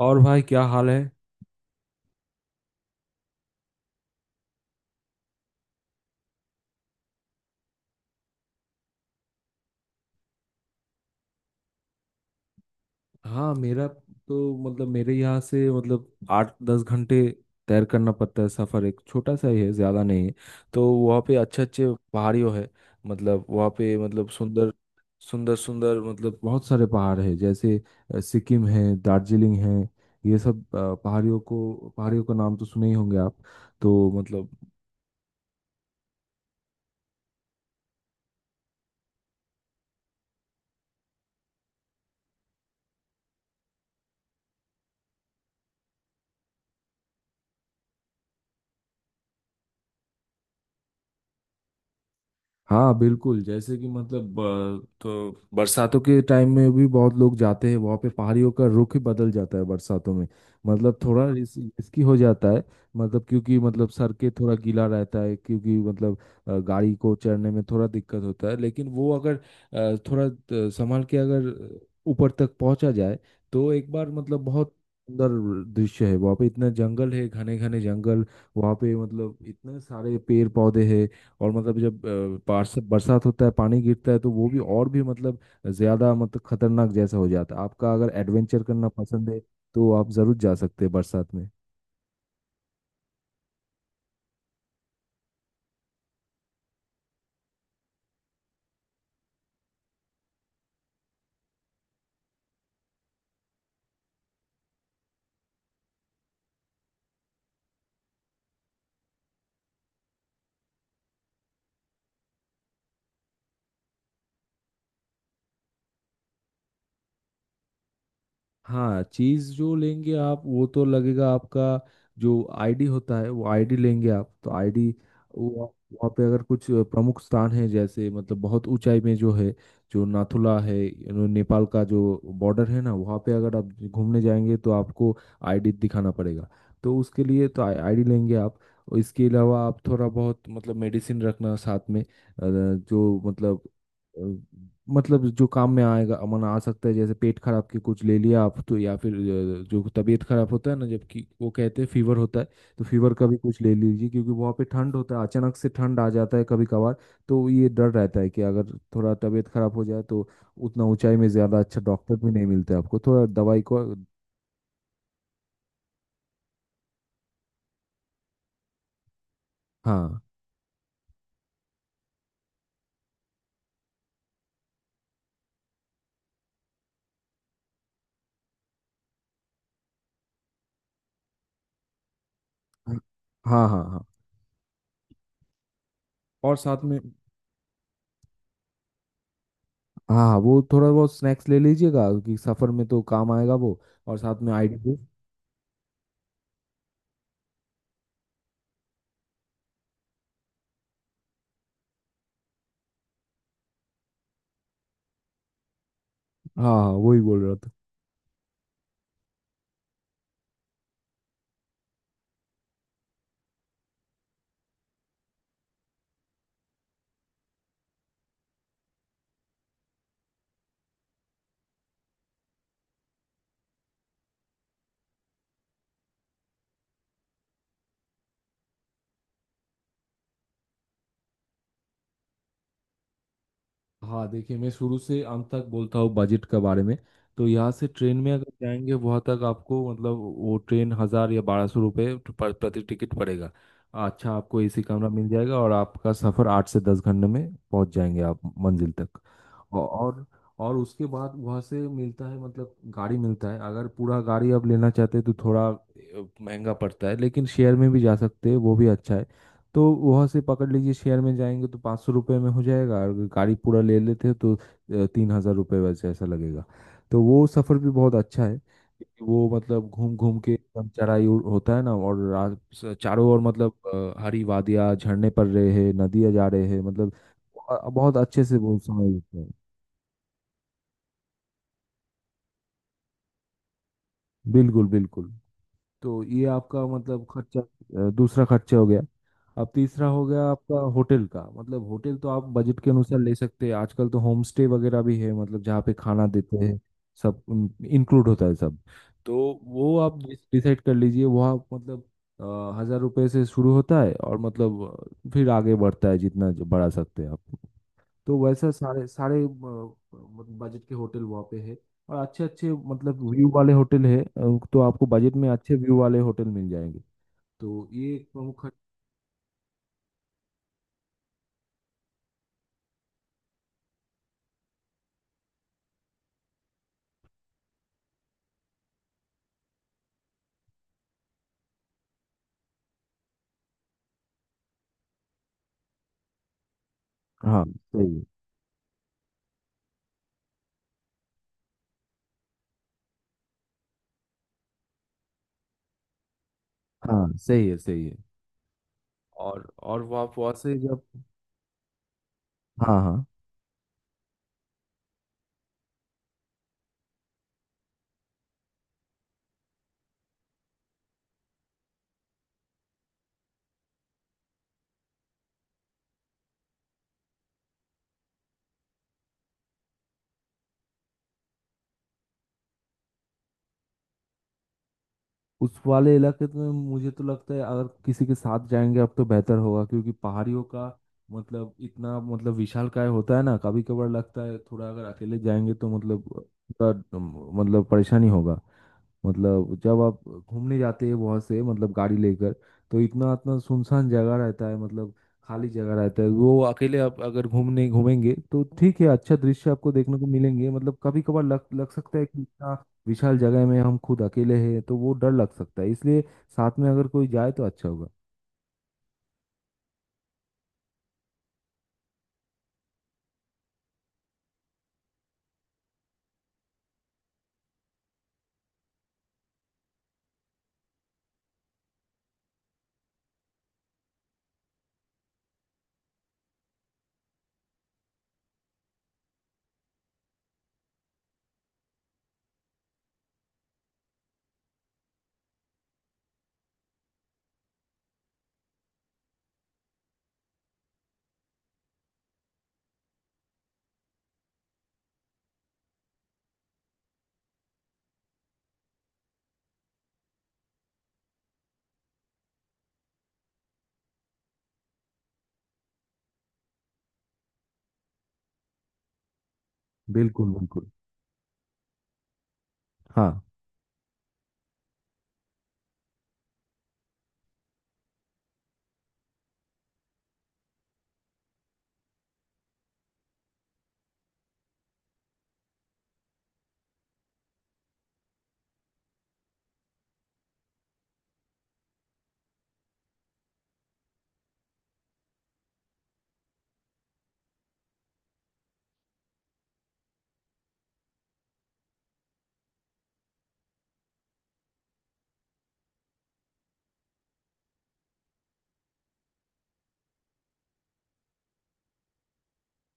और भाई, क्या हाल है। हाँ, मेरा तो मतलब मेरे यहाँ से मतलब 8-10 घंटे तैर करना पड़ता है। सफ़र एक छोटा सा ही है, ज़्यादा नहीं है। तो वहाँ पे अच्छे अच्छे पहाड़ियों है। मतलब वहाँ पे मतलब सुंदर सुंदर सुंदर मतलब बहुत सारे पहाड़ है, जैसे सिक्किम है, दार्जिलिंग है। ये सब पहाड़ियों को, पहाड़ियों का नाम तो सुने ही होंगे आप। तो मतलब, हाँ बिल्कुल, जैसे कि मतलब तो बरसातों के टाइम में भी बहुत लोग जाते हैं वहाँ पे। पहाड़ियों का रुख ही बदल जाता है बरसातों में। मतलब थोड़ा रिस्की हो जाता है। मतलब, क्योंकि मतलब सड़कें थोड़ा गीला रहता है, क्योंकि मतलब गाड़ी को चढ़ने में थोड़ा दिक्कत होता है। लेकिन वो अगर थोड़ा संभाल के अगर ऊपर तक पहुँचा जाए, तो एक बार मतलब बहुत सुंदर दृश्य है वहाँ पे। इतना जंगल है, घने घने जंगल। वहाँ पे मतलब इतने सारे पेड़ पौधे हैं। और मतलब जब पार्स बरसात होता है, पानी गिरता है, तो वो भी और भी मतलब ज़्यादा मतलब खतरनाक जैसा हो जाता है। आपका अगर एडवेंचर करना पसंद है, तो आप ज़रूर जा सकते हैं बरसात में। हाँ, चीज जो लेंगे आप वो तो लगेगा आपका। जो आईडी होता है, वो आईडी लेंगे आप। तो आईडी वो वहाँ पे अगर कुछ प्रमुख स्थान है, जैसे मतलब बहुत ऊंचाई में जो है, जो नाथुला है, यू नो, नेपाल का जो बॉर्डर है ना, वहाँ पे अगर आप घूमने जाएंगे तो आपको आईडी दिखाना पड़ेगा। तो उसके लिए तो आईडी लेंगे आप। और इसके अलावा आप थोड़ा बहुत मतलब मेडिसिन रखना साथ में। जो मतलब अ, मतलब जो काम में आएगा, अमन आ सकता है। जैसे पेट खराब के कुछ ले लिया आप तो, या फिर जो तबीयत खराब होता है ना, जबकि वो कहते हैं फीवर होता है, तो फीवर का भी कुछ ले लीजिए। क्योंकि वहाँ पे ठंड होता है, अचानक से ठंड आ जाता है कभी कभार। तो ये डर रहता है कि अगर थोड़ा तबीयत खराब हो जाए, तो उतना ऊंचाई में ज्यादा अच्छा डॉक्टर भी नहीं मिलते आपको थोड़ा दवाई को। हाँ, हाँ, हाँ, हाँ, हाँ। और साथ में, हाँ हाँ, वो थोड़ा बहुत स्नैक्स ले लीजिएगा, क्योंकि सफर में तो काम आएगा वो। और साथ में आईडी प्रूफ। हाँ हाँ, वही बोल रहा था। हाँ, देखिए, मैं शुरू से अंत तक बोलता हूँ बजट के बारे में। तो यहाँ से ट्रेन में अगर जाएंगे वहाँ तक, आपको मतलब वो ट्रेन 1000 या 1200 रुपये पर प्रति टिकट पड़ेगा। अच्छा, आपको एसी कमरा मिल जाएगा और आपका सफ़र 8 से 10 घंटे में पहुँच जाएंगे आप मंजिल तक। औ- और और उसके बाद वहाँ से मिलता है, मतलब गाड़ी मिलता है। अगर पूरा गाड़ी आप लेना चाहते हैं तो थोड़ा महंगा पड़ता है, लेकिन शेयर में भी जा सकते हैं, वो भी अच्छा है। तो वहाँ से पकड़ लीजिए, शेयर में जाएंगे तो 500 रुपये में हो जाएगा। और अगर गाड़ी पूरा ले लेते हैं, तो 3000 रुपये वैसे ऐसा लगेगा। तो वो सफ़र भी बहुत अच्छा है, क्योंकि वो मतलब घूम घूम के एकदम चराई होता है ना। और चारों ओर मतलब हरी वादियाँ, झरने पड़ रहे हैं, नदियाँ जा रहे हैं, मतलब बहुत अच्छे से वो समय बीतता है। बिल्कुल बिल्कुल। तो ये आपका मतलब खर्चा, दूसरा खर्चा हो गया। अब तीसरा हो गया आपका होटल का। मतलब होटल तो आप बजट के अनुसार ले सकते हैं। आजकल तो होम स्टे वगैरह भी है, मतलब जहाँ पे खाना देते हैं, सब इंक्लूड होता है सब। तो वो आप डिसाइड कर लीजिए। वो आप मतलब 1000 रुपए से शुरू होता है और मतलब फिर आगे बढ़ता है जितना जो बढ़ा सकते हैं आप। तो वैसा सारे सारे बजट के होटल वहाँ पे है। और अच्छे अच्छे मतलब व्यू वाले होटल है। तो आपको बजट में अच्छे व्यू वाले होटल मिल जाएंगे। तो ये एक प्रमुख हाँ, सही है। हाँ सही है, सही है। और वो आप वहाँ से जब, हाँ हाँ, उस वाले इलाके में मुझे तो लगता है अगर किसी के साथ जाएंगे अब तो बेहतर होगा, क्योंकि पहाड़ियों का मतलब इतना मतलब विशालकाय होता है ना। कभी कभार लगता है थोड़ा अगर अकेले जाएंगे तो मतलब मतलब परेशानी होगा। मतलब जब आप घूमने जाते हैं वहाँ से, मतलब गाड़ी लेकर, तो इतना इतना सुनसान जगह रहता है, मतलब खाली जगह रहता है। वो अकेले आप अगर घूमने घूमेंगे तो ठीक है, अच्छा दृश्य आपको देखने को मिलेंगे। मतलब कभी कभार लग लग सकता है कि इतना विशाल जगह में हम खुद अकेले हैं, तो वो डर लग सकता है। इसलिए साथ में अगर कोई जाए तो अच्छा होगा। बिल्कुल बिल्कुल। हाँ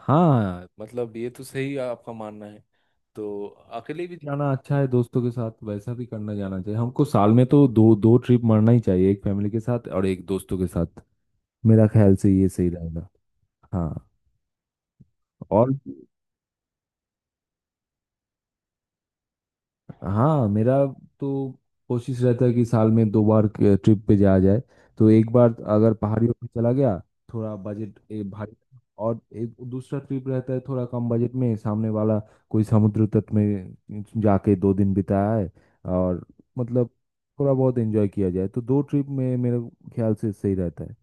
हाँ, मतलब ये तो सही आपका मानना है। तो अकेले भी जाना अच्छा है, दोस्तों के साथ वैसा भी करना जाना चाहिए। हमको साल में तो दो दो ट्रिप मारना ही चाहिए, एक फैमिली के साथ और एक दोस्तों के साथ। मेरा ख्याल से ये सही रहेगा। हाँ। और हाँ, मेरा तो कोशिश रहता है कि साल में 2 बार ट्रिप पे जाया जाए। तो एक बार अगर पहाड़ियों पे चला गया, थोड़ा बजट भारी। और एक दूसरा ट्रिप रहता है थोड़ा कम बजट में सामने वाला, कोई समुद्र तट में जाके 2 दिन बिताया है। और मतलब थोड़ा बहुत एंजॉय किया जाए, तो दो ट्रिप में मेरे ख्याल से सही रहता है।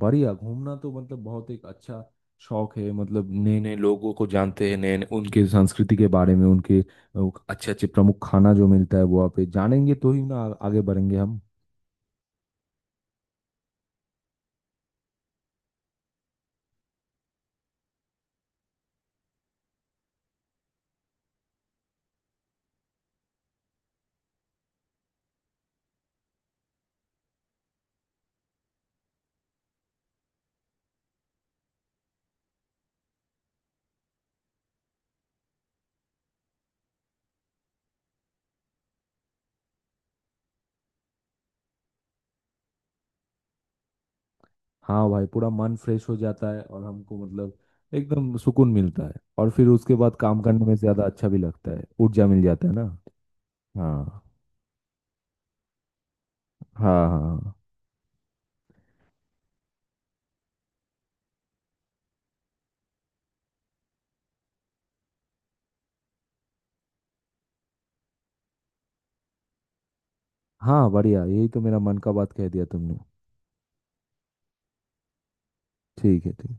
बढ़िया, घूमना तो मतलब बहुत एक अच्छा शौक है। मतलब नए नए लोगों को जानते हैं, नए नए उनके संस्कृति के बारे में, उनके अच्छे अच्छे प्रमुख खाना जो मिलता है वो आप जानेंगे तो ही ना आगे बढ़ेंगे हम। हाँ भाई, पूरा मन फ्रेश हो जाता है और हमको मतलब एकदम सुकून मिलता है। और फिर उसके बाद काम करने में ज्यादा अच्छा भी लगता है, ऊर्जा मिल जाता है ना। हाँ, हाँ, हाँ, हाँ, हाँ, बढ़िया, यही तो मेरा मन का बात कह दिया तुमने। ठीक है, ठीक।